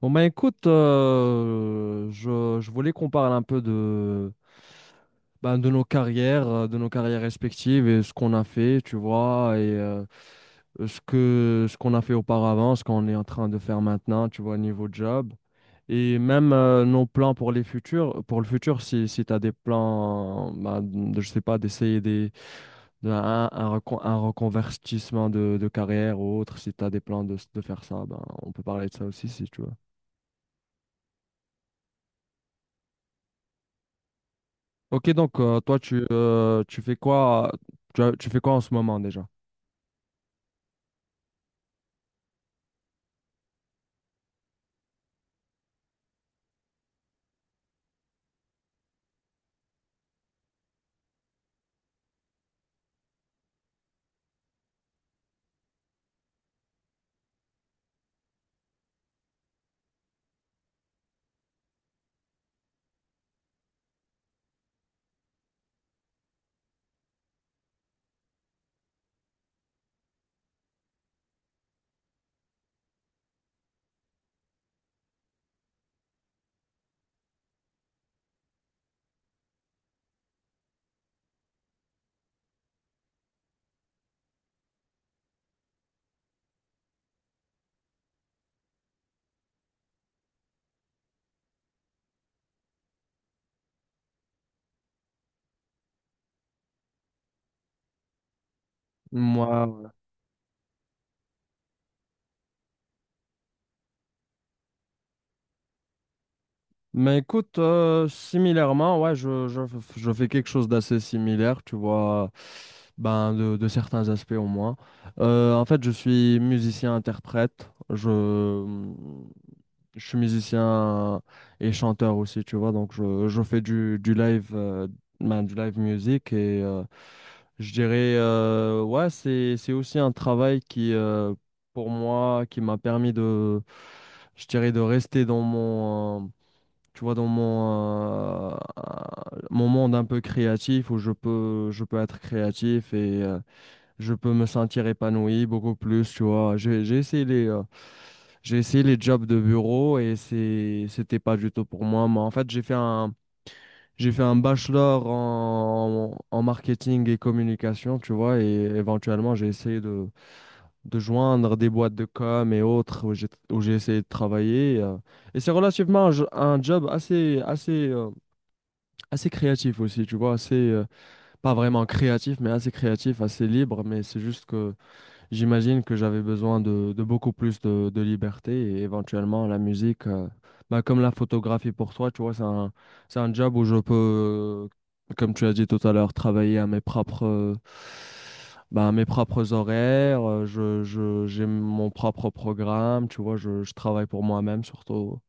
Bon bah écoute, je voulais qu'on parle un peu ben, de nos carrières respectives et ce qu'on a fait, tu vois, et ce qu'on a fait auparavant, ce qu'on est en train de faire maintenant, tu vois, niveau job. Et même nos plans pour les futurs, pour le futur, si tu as des plans, ben, je sais pas, d'essayer un reconvertissement de carrière ou autre, si tu as des plans de faire ça, ben, on peut parler de ça aussi si tu veux. Ok, donc toi, tu fais quoi, tu, as- tu fais quoi en ce moment déjà? Moi. Mais écoute, similairement, ouais, je fais quelque chose d'assez similaire, tu vois, ben de certains aspects au moins. En fait, je suis musicien-interprète. Je suis musicien et chanteur aussi, tu vois. Donc, je fais du live, ben, du live music et je dirais, ouais, c'est aussi un travail qui, pour moi, qui m'a permis de, je dirais, de rester dans mon, tu vois, dans mon, mon monde un peu créatif où je peux être créatif et je peux me sentir épanoui beaucoup plus, tu vois. J'ai essayé j'ai essayé les jobs de bureau et c'était pas du tout pour moi. Mais en fait, j'ai fait un bachelor en marketing et communication, tu vois, et éventuellement, j'ai essayé de joindre des boîtes de com et autres où j'ai essayé de travailler. Et c'est relativement un job assez créatif aussi, tu vois, pas vraiment créatif, mais assez créatif, assez libre, mais c'est juste que j'imagine que j'avais besoin de beaucoup plus de liberté et éventuellement la musique, bah, comme la photographie pour toi, tu vois, c'est un job où je peux, comme tu as dit tout à l'heure, travailler à bah, à mes propres horaires, j'ai mon propre programme, tu vois, je travaille pour moi-même surtout.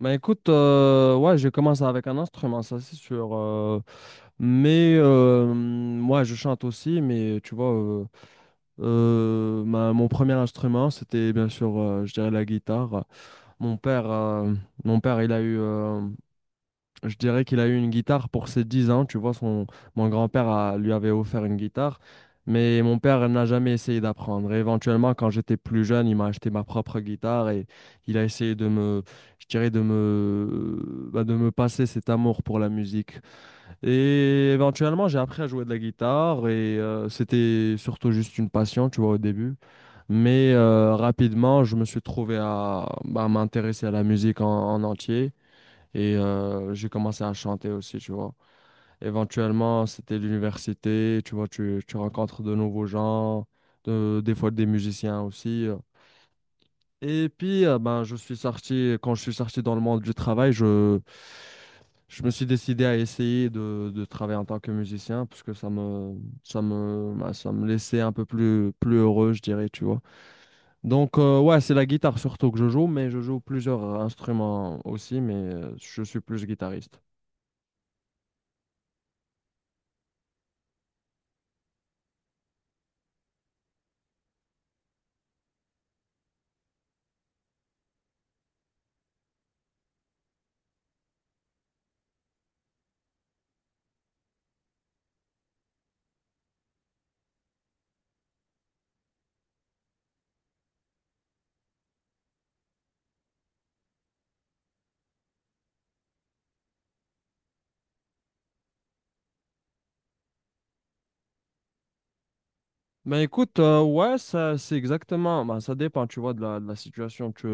Mais écoute, ouais, j'ai commencé avec un instrument, ça c'est sûr. Mais moi, je chante aussi, mais tu vois, mon premier instrument, c'était bien sûr, je dirais, la guitare. Mon père, euh, Mon père, il a eu, je dirais qu'il a eu une guitare pour ses 10 ans. Tu vois, mon grand-père lui avait offert une guitare, mais mon père n'a jamais essayé d'apprendre. Et éventuellement, quand j'étais plus jeune, il m'a acheté ma propre guitare et il a essayé de me, je dirais, bah, de me passer cet amour pour la musique. Et éventuellement, j'ai appris à jouer de la guitare et c'était surtout juste une passion, tu vois, au début. Mais rapidement, je me suis trouvé à bah, m'intéresser à la musique en entier et j'ai commencé à chanter aussi, tu vois. Éventuellement, c'était l'université, tu vois, tu rencontres de nouveaux gens, des fois des musiciens aussi. Et puis, ben, quand je suis sorti dans le monde du travail, je me suis décidé à essayer de travailler en tant que musicien, parce que ben, ça me laissait un peu plus heureux, je dirais, tu vois. Donc, ouais, c'est la guitare surtout que je joue, mais je joue plusieurs instruments aussi, mais je suis plus guitariste. Ben écoute, ouais, ça c'est exactement, ben, ça dépend, tu vois, de la situation.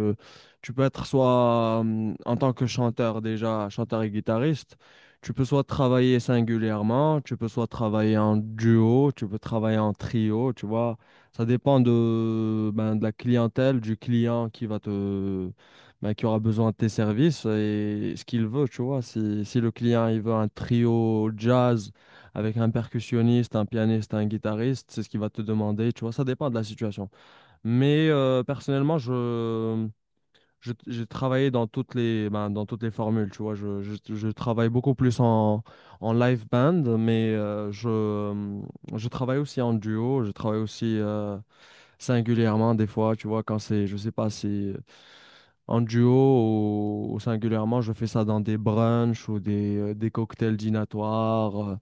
Tu peux être soit en tant que chanteur déjà, chanteur et guitariste, tu peux soit travailler singulièrement, tu peux soit travailler en duo, tu peux travailler en trio, tu vois. Ça dépend ben, de la clientèle, du client qui va ben, qui aura besoin de tes services et ce qu'il veut, tu vois. Si le client il veut un trio jazz, avec un percussionniste, un pianiste, un guitariste, c'est ce qu'il va te demander, tu vois, ça dépend de la situation. Mais personnellement, j'ai travaillé dans dans toutes les formules, tu vois, je travaille beaucoup plus en live band, mais je travaille aussi en duo, je travaille aussi singulièrement des fois, tu vois, quand c'est, je sais pas si… En duo ou singulièrement, je fais ça dans des brunchs ou des cocktails dînatoires,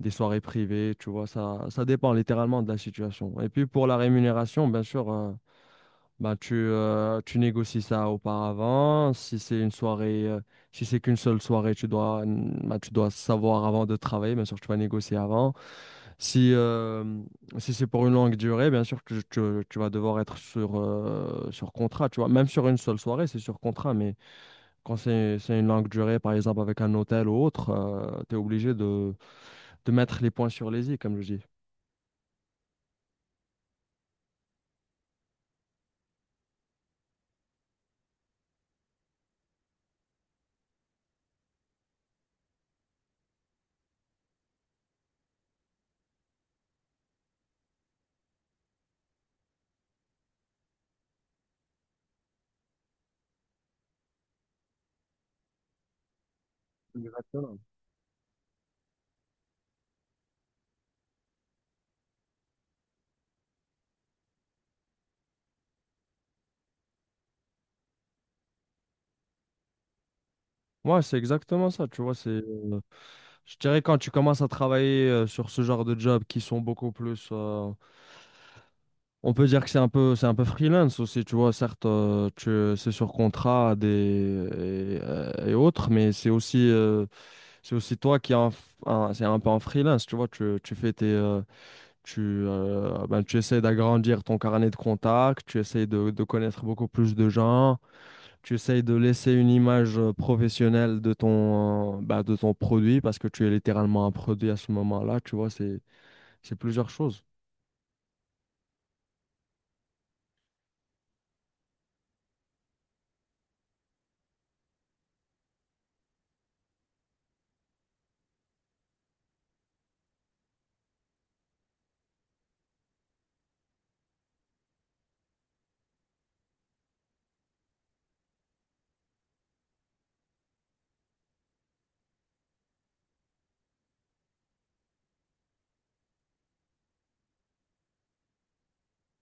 des soirées privées, tu vois, ça dépend littéralement de la situation. Et puis pour la rémunération, bien sûr, ben tu négocies ça auparavant. Si c'est une soirée, si c'est qu'une seule soirée, ben, tu dois savoir avant de travailler, bien sûr, tu vas négocier avant. Si, euh, Si c'est pour une longue durée, bien sûr que vas devoir être sur contrat, tu vois. Même sur une seule soirée, c'est sur contrat, mais quand c'est une longue durée, par exemple avec un hôtel ou autre, tu es obligé de mettre les points sur les i, comme je dis. Exactement. Ouais, c'est exactement ça, tu vois, je dirais quand tu commences à travailler sur ce genre de jobs qui sont beaucoup plus, on peut dire que c'est un peu freelance aussi, tu vois, certes, c'est sur contrat et autres, mais c'est aussi toi qui es c'est un peu en freelance, tu vois, tu fais Tu, ben, tu essaies d'agrandir ton carnet de contacts, tu essaies de connaître beaucoup plus de gens, tu essaies de laisser une image professionnelle de ben, de ton produit parce que tu es littéralement un produit à ce moment-là, tu vois, c'est plusieurs choses.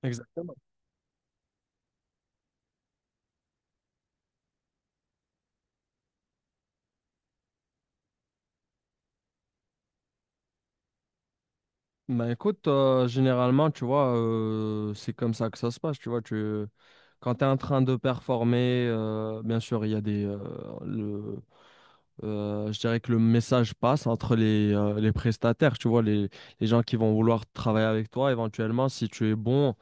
Exactement. Ben écoute, généralement, tu vois, c'est comme ça que ça se passe, tu vois, quand tu es en train de performer, bien sûr, il y a le, je dirais que le message passe entre les prestataires, tu vois, les gens qui vont vouloir travailler avec toi, éventuellement, si tu es bon,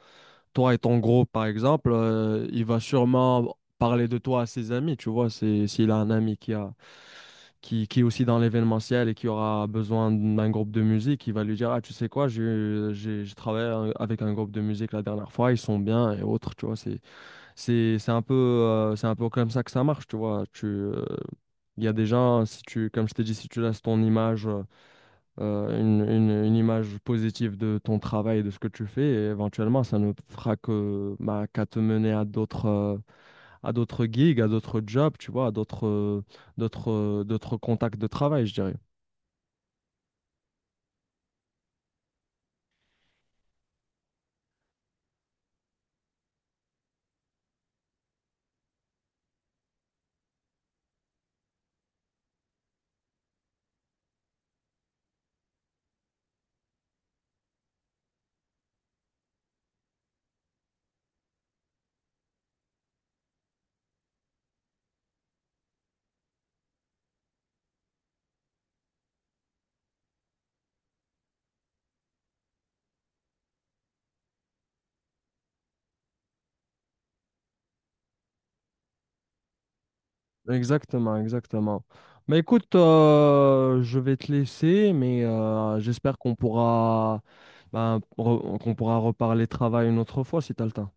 toi et ton groupe, par exemple, il va sûrement parler de toi à ses amis, tu vois, s'il a un ami qui est aussi dans l'événementiel et qui aura besoin d'un groupe de musique, il va lui dire, ah, tu sais quoi, j'ai travaillé avec un groupe de musique la dernière fois, ils sont bien et autres, tu vois, c'est un peu comme ça que ça marche, tu vois, il y a des gens, si tu, comme je t'ai dit, si tu laisses ton image, une image positive de ton travail, de ce que tu fais, et éventuellement, ça ne fera que, bah, qu'à te mener à d'autres, à d'autres gigs, à d'autres jobs, tu vois, à d'autres contacts de travail, je dirais. Exactement, exactement. Mais écoute, je vais te laisser, mais j'espère bah, qu'on pourra reparler travail une autre fois si t'as le temps.